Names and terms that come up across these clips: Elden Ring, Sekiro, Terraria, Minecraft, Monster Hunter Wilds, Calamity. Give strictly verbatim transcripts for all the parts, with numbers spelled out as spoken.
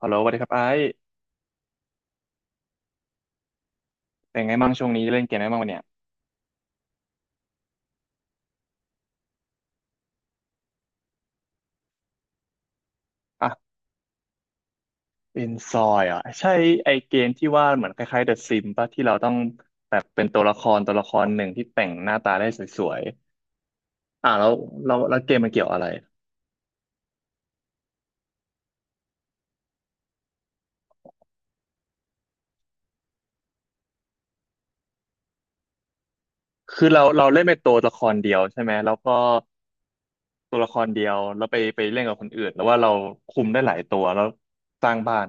ฮัลโหลสวัสดีครับไอ้เป็นไงบ้างช่วงนี้เล่นเกมอะไรบ้างวะเนี่ยอ่ะเป็นซอยอ่ะใช่ไอเกมที่ว่าเหมือนคล้ายๆเดอะซิมป่ะที่เราต้องแบบเป็นตัวละครตัวละครหนึ่งที่แต่งหน้าตาได้สวยๆอ่ะแล้วเราแล้วเกมมันเกี่ยวอะไรคือเราเราเล่นเป็นตัวละครเดียวใช่ไหมแล้วก็ตัวละครเดียวแล้วไปไปเล่นกับคนอื่นแล้วว่าเราคุมได้หลายตัวแล้วสร้างบ้าน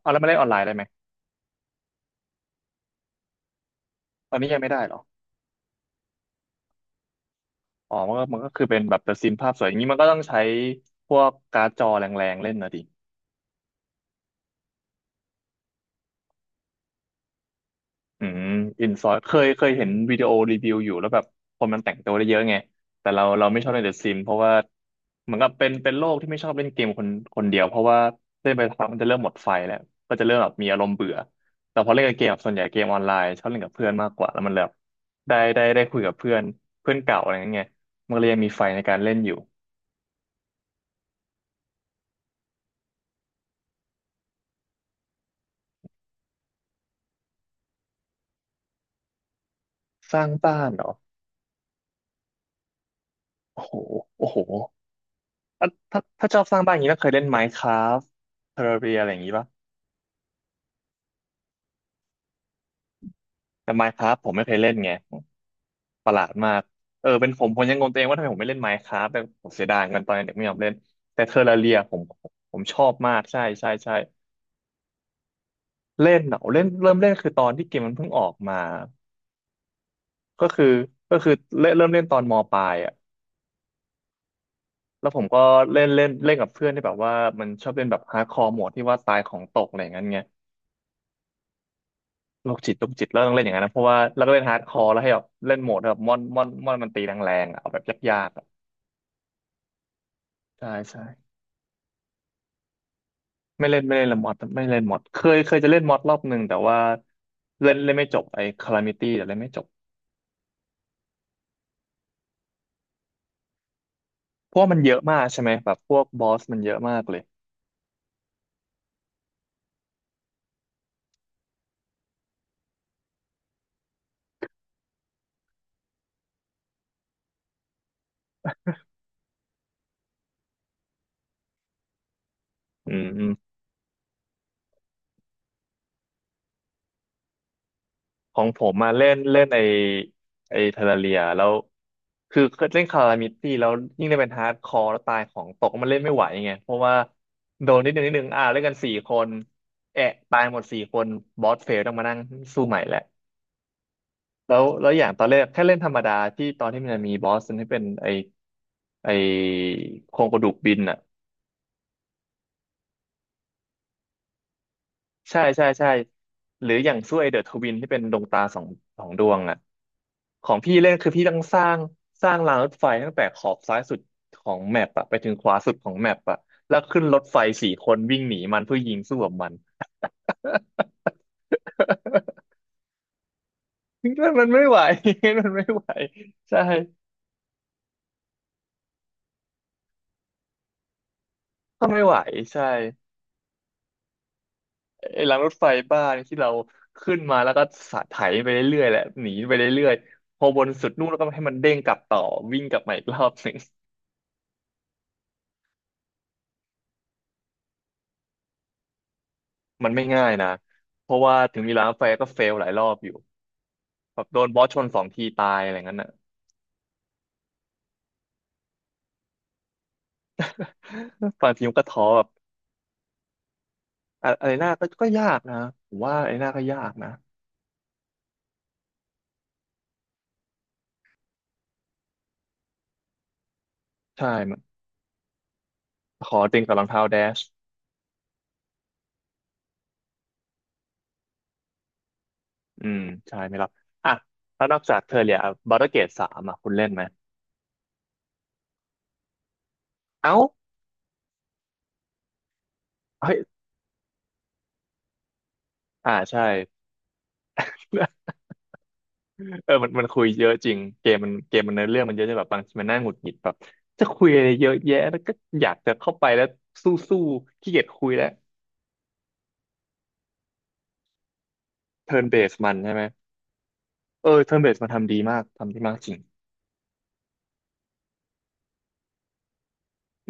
เอาแล้วมาเล่นออนไลน์ได้ไหมตอนนี้ยังไม่ได้เหรออ๋อมันก็มันก็คือเป็นแบบเดอะซิมภาพสวยอย่างนี้มันก็ต้องใช้พวกการ์ดจอแรงๆเล่นนะดิ อืมอินซอยเคยเคยเห็นวิดีโอรีวิวอยู่แล้วแบบคนมันแต่งตัวได้เยอะไงแต่เราเราไม่ชอบเล่นเดอะซิมเพราะว่าเหมือนกับเป็นเป็นโลกที่ไม่ชอบเล่นเกมคนคนเดียวเพราะว่าเล่นไปสักพักมันจะเริ่มหมดไฟแล้วก็จะเริ่มแบบมีอารมณ์เบื่อแต่พอเล่นกับเกมส่วนใหญ่เกมออนไลน์ชอบเล่นกับเพื่อนมากกว่าแล้วมันแบบได้ได้ได้คุยกับเพื่อนเพื่อนเก่าอะไรอย่างเงี้ยมันก็เลยยังมีไฟในการเล่นอยู่สร้างบ้านเหรอโอ้โหโอ้โหอ่ะถ้าถ้าชอบสร้างบ้านอย่างนี้ต้องเคยเล่น Minecraft Terraria อะไรอย่างงี้ปะแต่ Minecraft ผมไม่เคยเล่นไง ประหลาดมากเออเป็นผมผมยังงงตัวเองว่าทำไมผมไม่เล่น Minecraft แต่ผมเสียดายกันตอนเด็กไม่ยอมเล่นแต่เทอร์เรียผมผมชอบมากใช่ใช่ใช่เล่นเหรอเล่นเริ่มเล่นคือตอนที่เกมมันเพิ่งออกมาก็คือก็คือเล่นเริ่มเล่นตอนมปลายอ่ะแล้วผมก็เล่นเล่นเล่นกับเพื่อนที่แบบว่ามันชอบเล่นแบบฮาร์ดคอร์โหมดที่ว่าตายของตกอะไรอย่างเงี้ยโรคจิตโรคจิตแล้วต้องเล่นอย่างนั้นนะเพราะว่าแล้วก็เล่นฮาร์ดคอร์แล้วให้แบบเล่นโหมดแบบมอนมอนมอนมันตีแรงๆอะเอาแบบยากๆอะใช่ใช่ ไม่เล่นไม่เล่นละมอดไม่เล่นมอดเคยเคยจะเล่นมอดรอบหนึ่งแต่ว่าเล่นเล่นไม่จบไอ้คาลามิตี้แต่เล่นไม่จบเพราะว่ามันเยอะมากใช่ไหมแบบพวกบอสมันเยอะมากเลยอืมอืมของผมมาเล่นเล่นไอ้ไอ้เทอร์เรียแล้วคือเล่นคาลามิตี้แล้วยิ่งได้เป็นฮาร์ดคอร์แล้วตายของตกมันเล่นไม่ไหวไงเพราะว่าโดนนิดนึงนิดนึงอ่าเล่นกันสี่คนแอะตายหมดสี่คนบอสเฟลต้องมานั่งสู้ใหม่แหละแล้วแล้วอย่างตอนแรกแค่เล่นธรรมดาที่ตอนที่มันจะมีบอสที่เป็นไอ้ ไอโครงกระดูกบินอ่ะใช่ใช่ใช่หรืออย่างสู่วยเดอะทวินที่เป็นดวงตาสองสองดวงอ่ะของพี่เล่นคือพี่ต้องสร้างสร้างรางรถไฟตั้งแต่ขอบซ้ายสุดของแมปอะไปถึงขวาสุดของแมปอะแล้วขึ้นรถไฟสี่คนวิ่งหนีมันเพื่อยิงสู้กับมัน มันไม่ไหว มันไม่ไหวใช่ก็ไม่ไหวใช่ ไอ้รางรถไฟบ้านที่เราขึ้นมาแล้วก็สะไถไปเรื่อยๆแหละหนีไปเรื่อยๆพอบนสุดนู่นแล้วก็ให้มันเด้งกลับต่อวิ่งกลับมาอีกรอบหนึ่ง มันไม่ง่ายนะเพราะว่าถึงมีรางรถไฟก็เฟลหลายรอบอยู่แบบโดนบอสชนสองทีตายอะไรงั้นน่ะ บางทีมันก็ท้อแบบอะอะไรหน้าก็ก็ยากนะผมว่าอะไรหน้าก็ยากนะใช่มันขอติงกับรองเท้าแดชอืมใช่ไม่รับอ่ะแล้วนอกจากเทอร์เรียบารเกตสามอ่ะคุณเล่นไหมเอ้าเฮ้ยอ่าใช่ เออมันมันคุยเยอะจริงเกมมันเกมมันเนื้อเรื่องมันเยอะจนแบบบางทีมันน่าหงุดหงิดแบบจะคุยอะไรเยอะแยะแล้วก็อยากจะเข้าไปแล้วสู้สู้ขี้เกียจคุยแล้วเทิร์นเบสมันใช่ไหมเออเทิร์นเบสมันทำดีมากทำดีมากจริง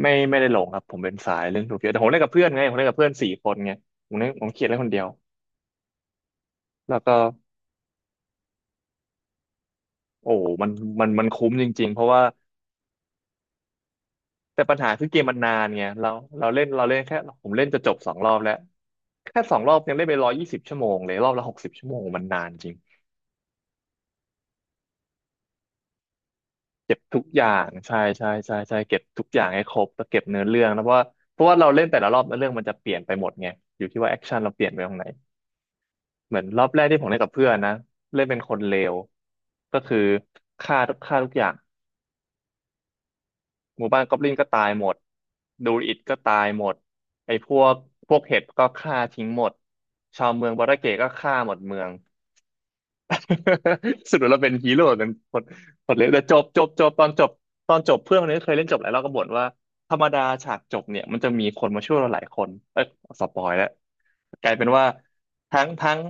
ไม่ไม่ได้หลงครับผมเป็นสายเล่นโซเฟียแต่ผมเล่นกับเพื่อนไงผมเล่นกับเพื่อนสี่คนไงผมเล่นผมเขียนเล่นคนเดียวแล้วก็โอ้มันมันมันคุ้มจริงๆเพราะว่าแต่ปัญหาคือเกมมันนานไงเราเราเล่นเราเล่นแค่ผมเล่นจะจบสองรอบแล้วแค่สองรอบยังเล่นไปร้อยยี่สิบชั่วโมงเลยรอบละหกสิบชั่วโมงมันนานจริง เก็บทุกอย่างใช่ใช่ใช่ใช่เก็บทุกอย่างให้ครบแล้วเก็บเนื้อเรื่องนะเพราะว่าเพราะว่าเราเล่นแต่ละรอบเนื้อเรื่องมันจะเปลี่ยนไปหมดไงอยู่ที่ว่าแอคชั่นเราเปลี่ยนไปตรงไหนเหมือนรอบแรกที่ผมเล่นกับเพื่อนนะเล่นเป็นคนเลวก็คือฆ่าทุกฆ่าทุกอย่างหมู่บ้านกอบลินก็ตายหมดดูอิดก็ตายหมดไอ้พวกพวกเห็ดก็ฆ่าทิ้งหมดชาวเมืองบาราเกะก็ฆ่าหมดเมือง สุดท้ายเราเป็นฮีโร่เป็นคนคนเล็กแต่จบจบจบตอนจบตอนจบเพื่อนคนนี้เคยเล่นจบหลายรอบก็บ่นว่าธรรมดาฉากจบเนี่ยมันจะมีคนมาช่วยเราหลายคนเอ้ยสปอยแล้วกลายเป็นว่าทั้งทั้ง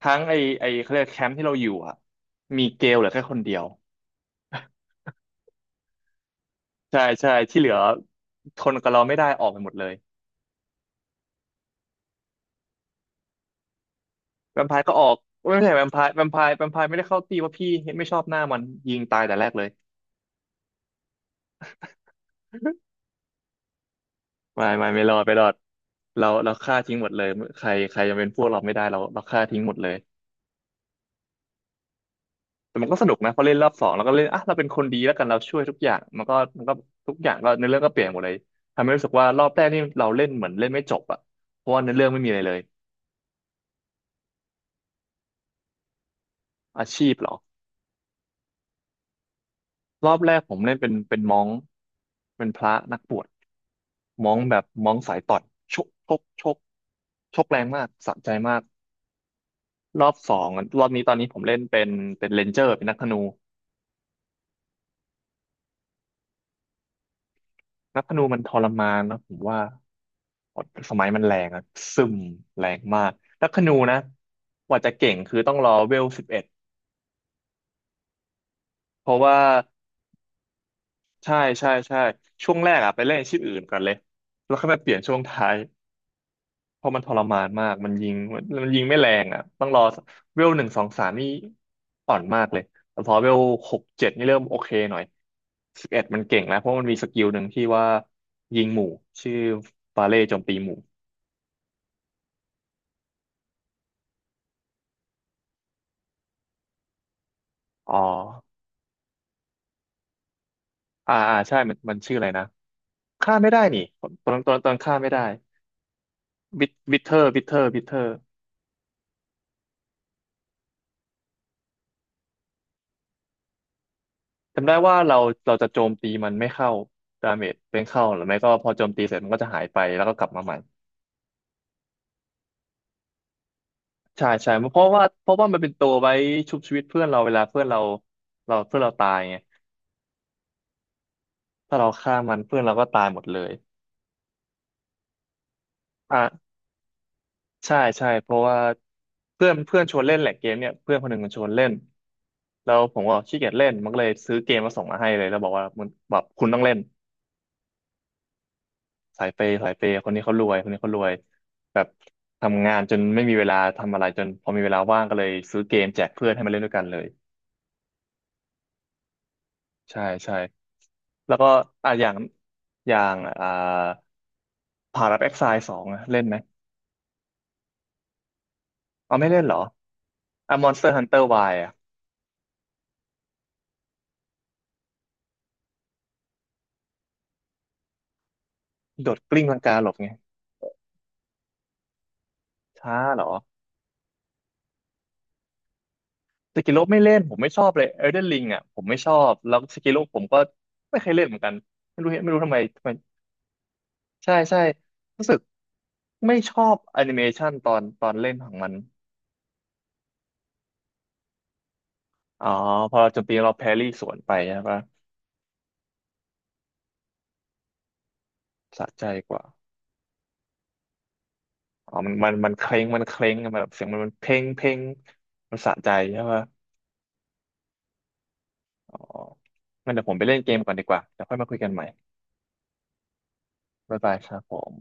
ทั้งไอไอเขาเรียกแคมป์ที่เราอยู่อะมีเกลเหลือแค่คนเดียว ใช่ใช่ที่เหลือทนกับเราไม่ได้ออกไปหมดเลยแวมไพร์ก็ออกไม่ใช่แวมไพร์แวมไพร์แวมไพร์ไม่ได้เข้าตีว่าพี่ไม่ชอบหน้ามันยิงตายแต่แรกเลย ไม่ไม่ไม่รอดไม่รอดเราเราฆ่าทิ้งหมดเลยใครใครยังเป็นพวกเราไม่ได้เราเราฆ่าทิ้งหมดเลยแต่มันก็สนุกนะพอเล่นรอบสองเราก็เล่นอ่ะเราเป็นคนดีแล้วกันเราช่วยทุกอย่างมันก็มันก็ทุกอย่างก็เนื้อเรื่องก็เปลี่ยนหมดเลยทำให้รู้สึกว่ารอบแรกนี่เราเล่นเหมือนเล่นไม่จบอ่ะเพราะว่าเนื้อเรื่องไม่มีอะไรเลยอาชีพเหรอรอบแรกผมเล่นเป็นเป็นม้องเป็นพระนักบวชม้องแบบม้องสายต่อนชกชกชกชกแรงมากสะใจมากรอบสองรอบนี้ตอนนี้ผมเล่นเป็นเป็นเรนเจอร์เป็นนักธนู นับธนูมันทรมานนะผมว่าสมัยมันแรงอะซึมแรงมากนักธนูนะกว่าจะเก่งคือต้องรอเวลสิบเอ็ดเพราะว่าใช่ใช่ใช่ช่วงแรกอะไปเล่นอาชีพอื่นก่อนเลยแล้วค่อยมาเปลี่ยนช่วงท้ายเพราะมันทรมานมากมันยิงมันมันยิงไม่แรงอะต้องรอเวลหนึ่งสองสามนี่อ่อนมากเลยแต่พอเวลหกเจ็ดนี่เริ่มโอเคหน่อยสิบเอ็ดมันเก่งแล้วเพราะมันมีสกิลหนึ่งที่ว่ายิงหมู่ชื่อบาเล่โจมตีหมู่อ๋อ อ่าอ่าใช่มันมันชื่ออะไรนะฆ่าไม่ได้นี่ตอนตอนตอนฆ่าไม่ได้บิทบิทเทอร์บิทเทอร์บิทเทอร์จำได้ว่าเราเราจะโจมตีมันไม่เข้าดาเมจเป็นเข้าหรือไม่ก็พอโจมตีเสร็จมันก็จะหายไปแล้วก็กลับมาใหม่ใช่ใช่เพราะว่าเพราะว่ามันเป็นตัวไว้ชุบชีวิตเพื่อนเราเวลาเพื่อนเราเราเพื่อนเราตายไงถ้าเราฆ่ามันเพื่อนเราก็ตายหมดเลยอ่า ใช่ใช่เพราะว่าเพื่อนเพื่อนชวนเล่นแหละเกมเนี่ยเพื่อนคนหนึ่งมันชวนเล่นแล้วผมก็ขี้เกียจเล่นมันก็เลยซื้อเกมมาส่งมาให้เลยแล้วบอกว่ามึงแบบคุณต้องเล่นสายเปย์สายเปย์คนนี้เขารวยคนนี้เขารวยแบบทำงานจนไม่มีเวลาทำอะไรจนพอมีเวลาว่างก็เลยซื้อเกมแจกเพื่อนให้มาเล่นด้วยกันเลยใช่ใช่แล้วก็อ่ะอย่างอย่างอ่าพาราแอ็กไซสองเล่นไหมเอาไม่เล่นเหรออ่ะมอนสเตอร์ฮันเตอร์วายอ่ะโดดกลิ้งลังกาหลบไงช้าเหรอ สกิโลไม่เล่นผมไม่ชอบเลยเอลเดนริงอ่ะผมไม่ชอบแล้วสกิโลผมก็ไม่เคยเล่นเหมือนกันไม่รู้ไม่รู้ทำไมทำไมใช่ใช่รู้สึกไม่ชอบแอนิเมชันตอนตอนเล่นของมันอ๋อพอเราโจมตีเราแพรี่สวนไปใช่ปะสะใจกว่าอ๋อมันมันมันเคร้งมันเคร้งมันแบบเสียงมันมันเพ่งเพ่งมันสะใจใช่ปะอ๋องั้นเดี๋ยวผมไปเล่นเกมก่อนดีกว่าเดี๋ยวค่อยมาคุยกันใหม่บ๊ายบายครับผม